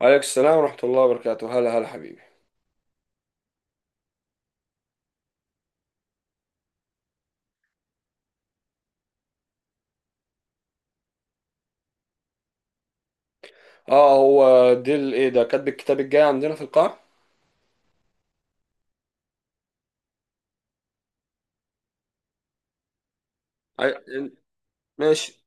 عليك السلام ورحمة الله وبركاته. هلا هلا حبيبي. اه، هو ديل ايه ده؟ كاتب الكتاب الجاي عندنا في القاعة؟ عي- ماشي.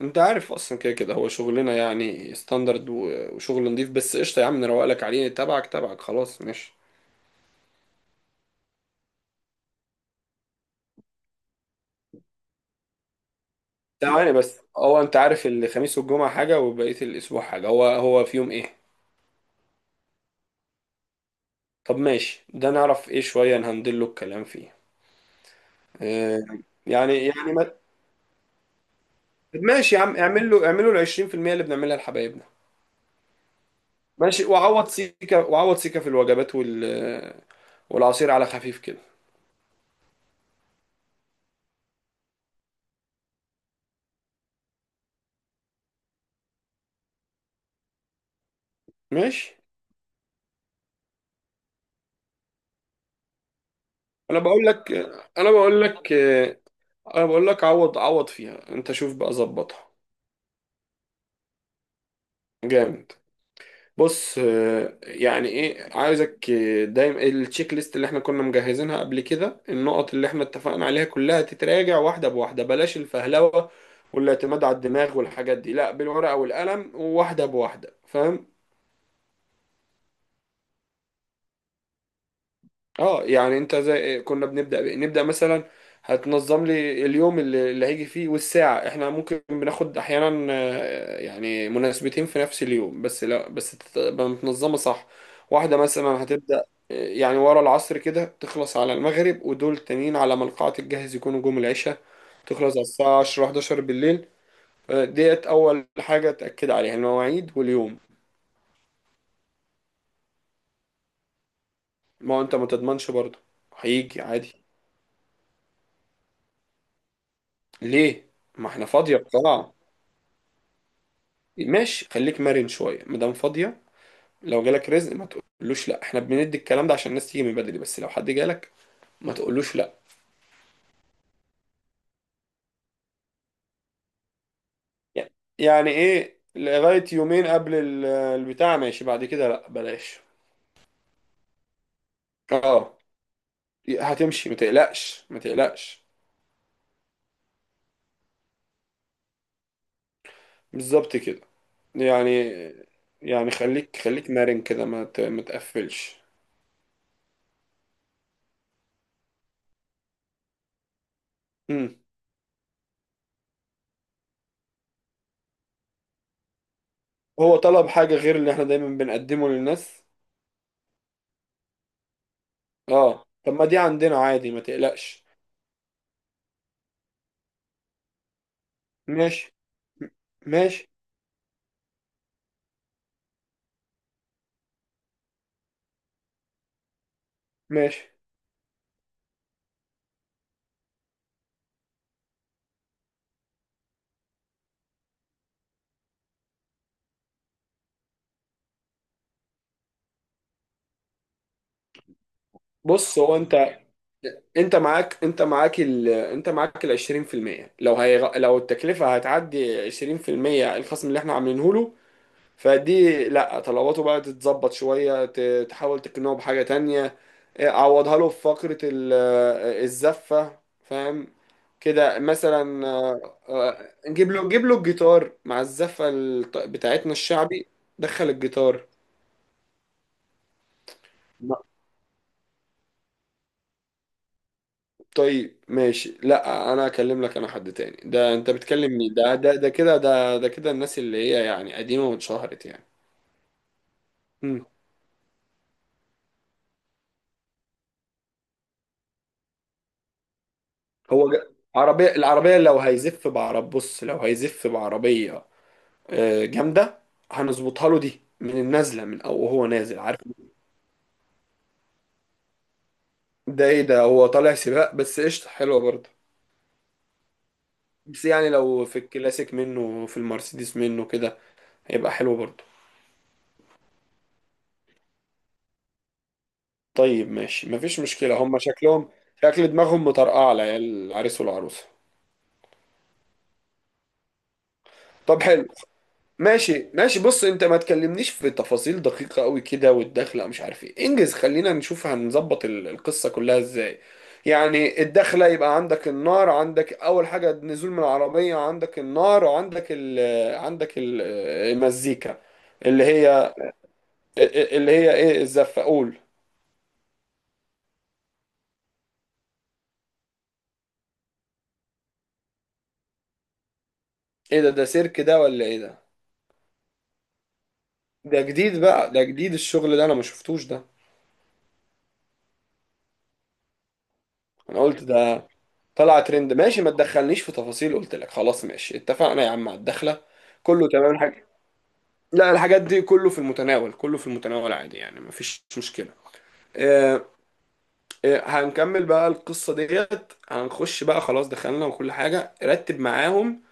انت عارف اصلا، كده كده هو شغلنا يعني ستاندرد وشغل نضيف. بس قشطة يا عم، نروقلك عليه، تبعك تبعك، خلاص ماشي. تعالى بس، هو انت عارف الخميس والجمعة حاجة وبقية الاسبوع حاجة، هو في يوم ايه؟ طب ماشي، ده نعرف ايه شوية نهندل له الكلام فيه. آه. يعني يعني ما... طب ماشي يا عم، اعمل له ال 20% اللي بنعملها لحبايبنا. ماشي، وعوض سيكا، وعوض سيكا في الوجبات والعصير، على خفيف كده. ماشي. انا بقول لك انا بقول لك انا بقول لك عوض فيها، انت شوف بقى ظبطها. جامد. بص، يعني ايه عايزك، دايما التشيك ليست اللي احنا كنا مجهزينها قبل كده، النقط اللي احنا اتفقنا عليها كلها تتراجع واحده بواحده. بلاش الفهلوه والاعتماد على الدماغ والحاجات دي، لا، بالورقه والقلم وواحده بواحده، فاهم؟ اه، يعني انت زي كنا بنبدأ بإيه؟ نبدأ مثلا هتنظم لي اليوم اللي هيجي فيه، والساعة. احنا ممكن بناخد احيانا، يعني، مناسبتين في نفس اليوم، بس لا، بس تبقى متنظمة صح. واحدة مثلا هتبدأ يعني ورا العصر كده، تخلص على المغرب، ودول تانيين على ما القاعة تتجهز يكونوا جم العشاء، تخلص على الساعة 10 11 بالليل. ديت أول حاجة، تأكد عليها المواعيد واليوم. ما هو أنت ما تضمنش برضه، هيجي عادي. ليه؟ ما احنا فاضية القاعة. ماشي، خليك مرن شويه مدام فاضيه. لو جالك رزق ما تقولوش لا. احنا بندي الكلام ده عشان الناس تيجي من بدري، بس لو حد جالك ما تقولوش لا. يعني ايه، لغايه يومين قبل البتاع ماشي، بعد كده لا بلاش. اه، هتمشي ما تقلقش ما تقلقش. بالظبط كده. يعني خليك مرن كده، ما تقفلش. امم. هو طلب حاجه غير اللي احنا دايما بنقدمه للناس؟ اه، طب ما دي عندنا عادي ما تقلقش. ماشي ماشي ماشي. بص، هو انت انت معاك ال 20%، لو هي لو التكلفة هتعدي 20% الخصم اللي احنا عاملينه له، فدي لا، طلباته بقى تتظبط شوية، تحاول تقنعه بحاجة تانية. اه، عوضها له في فقرة الزفة، فاهم؟ كده مثلا، نجيب له الجيتار مع الزفة بتاعتنا الشعبي. دخل الجيتار. طيب ماشي، لا انا اكلم لك انا حد تاني. ده انت بتكلم مين؟ ده كده الناس اللي هي يعني قديمة واتشهرت يعني. مم. هو ج- عربية. العربية لو هيزف بعرب، بص لو هيزف بعربية، جامدة، هنظبطها له دي من النازلة، من او هو نازل، عارف. ده ايه ده؟ هو طالع سباق؟ بس قشطة حلوة برضه. بس يعني لو في الكلاسيك منه، في المرسيدس منه كده، هيبقى حلو برضه. طيب ماشي مفيش مشكلة. هما شكلهم، شكل دماغهم مطرقعة العيال، العريس والعروسة. طب حلو. ماشي ماشي. بص انت، ما تكلمنيش في تفاصيل دقيقة قوي كده، والدخلة مش عارف ايه، انجز. خلينا نشوف هنظبط القصة كلها ازاي. يعني الدخلة يبقى عندك النار، عندك اول حاجة النزول من العربية، عندك النار، وعندك عندك ال- المزيكا اللي هي ايه، الزفة، قول. ايه ده، ده سيرك ده ولا ايه ده؟ ده جديد بقى، ده جديد الشغل ده انا ما شفتوش ده. انا قلت ده طلع ترند. ماشي، ما تدخلنيش في تفاصيل، قلت لك خلاص ماشي، اتفقنا يا عم على الدخلة، كله تمام الحاجة. لا، الحاجات دي كله في المتناول، كله في المتناول، عادي يعني مفيش مشكلة. آه. هنكمل بقى القصة ديت. هنخش بقى، خلاص دخلنا، وكل حاجة رتب معاهم.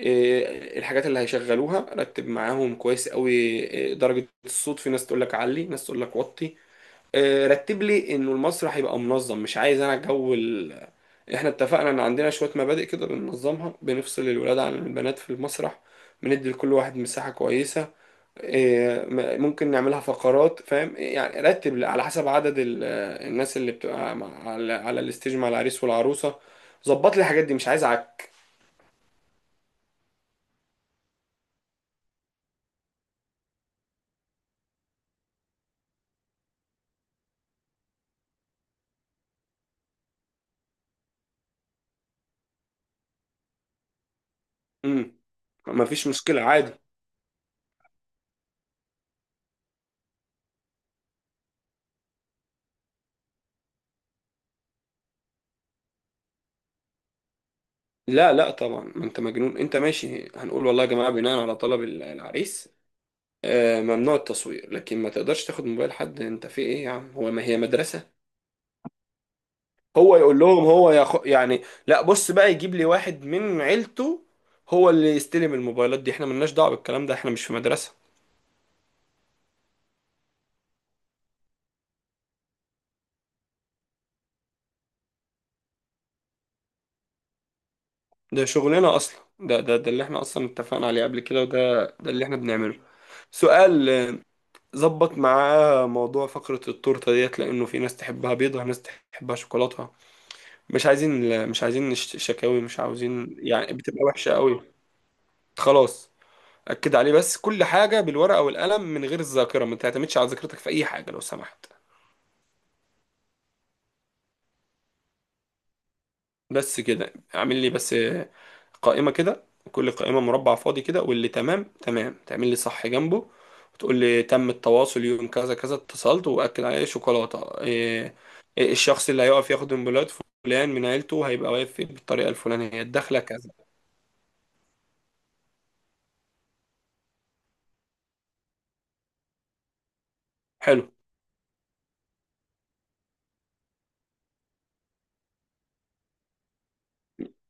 الحاجات اللي هيشغلوها رتب معاهم كويس قوي. درجة الصوت، في ناس تقول لك علي، ناس تقول لك وطي. رتب لي انه المسرح يبقى منظم، مش عايز انا جو احنا اتفقنا ان عندنا شوية مبادئ كده بننظمها، بنفصل الولاد عن البنات في المسرح، بندي لكل واحد مساحة كويسة. ممكن نعملها فقرات، فاهم يعني. رتب لي على حسب عدد الناس اللي بتبقى على الستيج مع العريس والعروسة. ظبط لي الحاجات دي، مش عايز عك. امم. مفيش مشكلة عادي. لا لا طبعا، ما انت مجنون انت؟ ماشي، هنقول والله يا جماعة بناء على طلب العريس، ممنوع التصوير، لكن ما تقدرش تاخد موبايل حد. انت في ايه يا عم، هو ما هي مدرسة؟ هو يقول لهم، يعني لا، بص بقى، يجيب لي واحد من عيلته هو اللي يستلم الموبايلات دي، احنا ملناش دعوة بالكلام ده، احنا مش في مدرسة. ده شغلنا اصلا، ده اللي احنا اصلا اتفقنا عليه قبل كده، وده اللي احنا بنعمله. سؤال، ظبط معاه موضوع فقرة التورتة ديت، لانه في ناس تحبها بيضة، ناس تحبها شوكولاتة. مش عايزين مش عايزين شكاوي، مش عاوزين، يعني بتبقى وحشة قوي. خلاص. أكد عليه، بس كل حاجة بالورقة والقلم من غير الذاكرة. ما تعتمدش على ذاكرتك في أي حاجة لو سمحت. بس كده، اعمل لي قائمة كده، كل قائمة مربع فاضي كده، واللي تمام تعمل لي صح جنبه، وتقول لي تم التواصل يوم كذا كذا، اتصلت وأكد عليه شوكولاتة إيه، إيه الشخص اللي هيقف ياخد من بلاد، فلان من عيلته هيبقى واقف بالطريقة الفلانية، الدخلة كذا. حلو.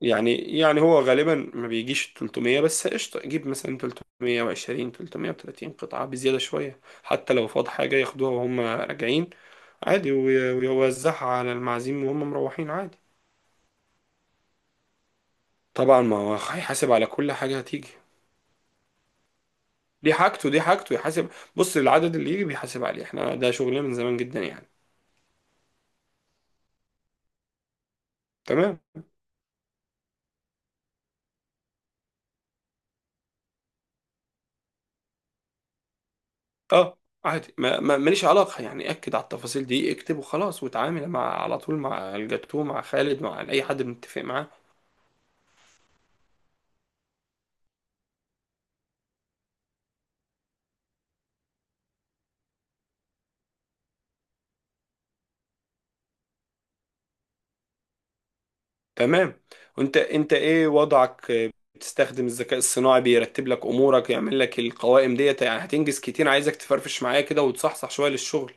يعني هو غالبا ما بيجيش 300، بس قشطة جيب مثلا 320 330 قطعة بزيادة شوية، حتى لو فاض حاجة ياخدوها وهم راجعين عادي، ويوزعها على المعازيم وهم مروحين عادي. طبعا، ما هو هيحاسب على كل حاجة هتيجي. دي حاجته، يحاسب. بص العدد اللي يجي بيحاسب عليه، احنا ده شغلنا من زمان جدا يعني. تمام. اه، عادي، ماليش علاقة يعني. أكد على التفاصيل دي، اكتب وخلاص، وتعامل مع على طول مع الجاتوه، مع خالد، مع أي حد متفق معاه. تمام. وانت ايه وضعك؟ بتستخدم الذكاء الصناعي بيرتب لك امورك، يعمل لك القوائم ديت، يعني هتنجز كتير. عايزك تفرفش معايا كده وتصحصح شويه للشغل.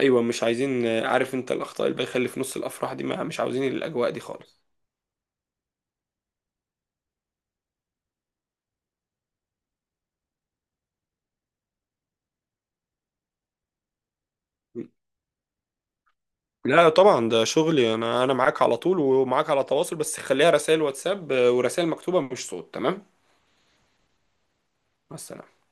ايوه، مش عايزين، عارف انت الاخطاء اللي بيخلي في نص الافراح دي، ما مش عاوزين الاجواء دي خالص. لا طبعا، ده شغلي انا، انا معاك على طول، ومعاك على تواصل، بس خليها رسائل واتساب ورسائل مكتوبه مش صوت، تمام؟ مع السلامة.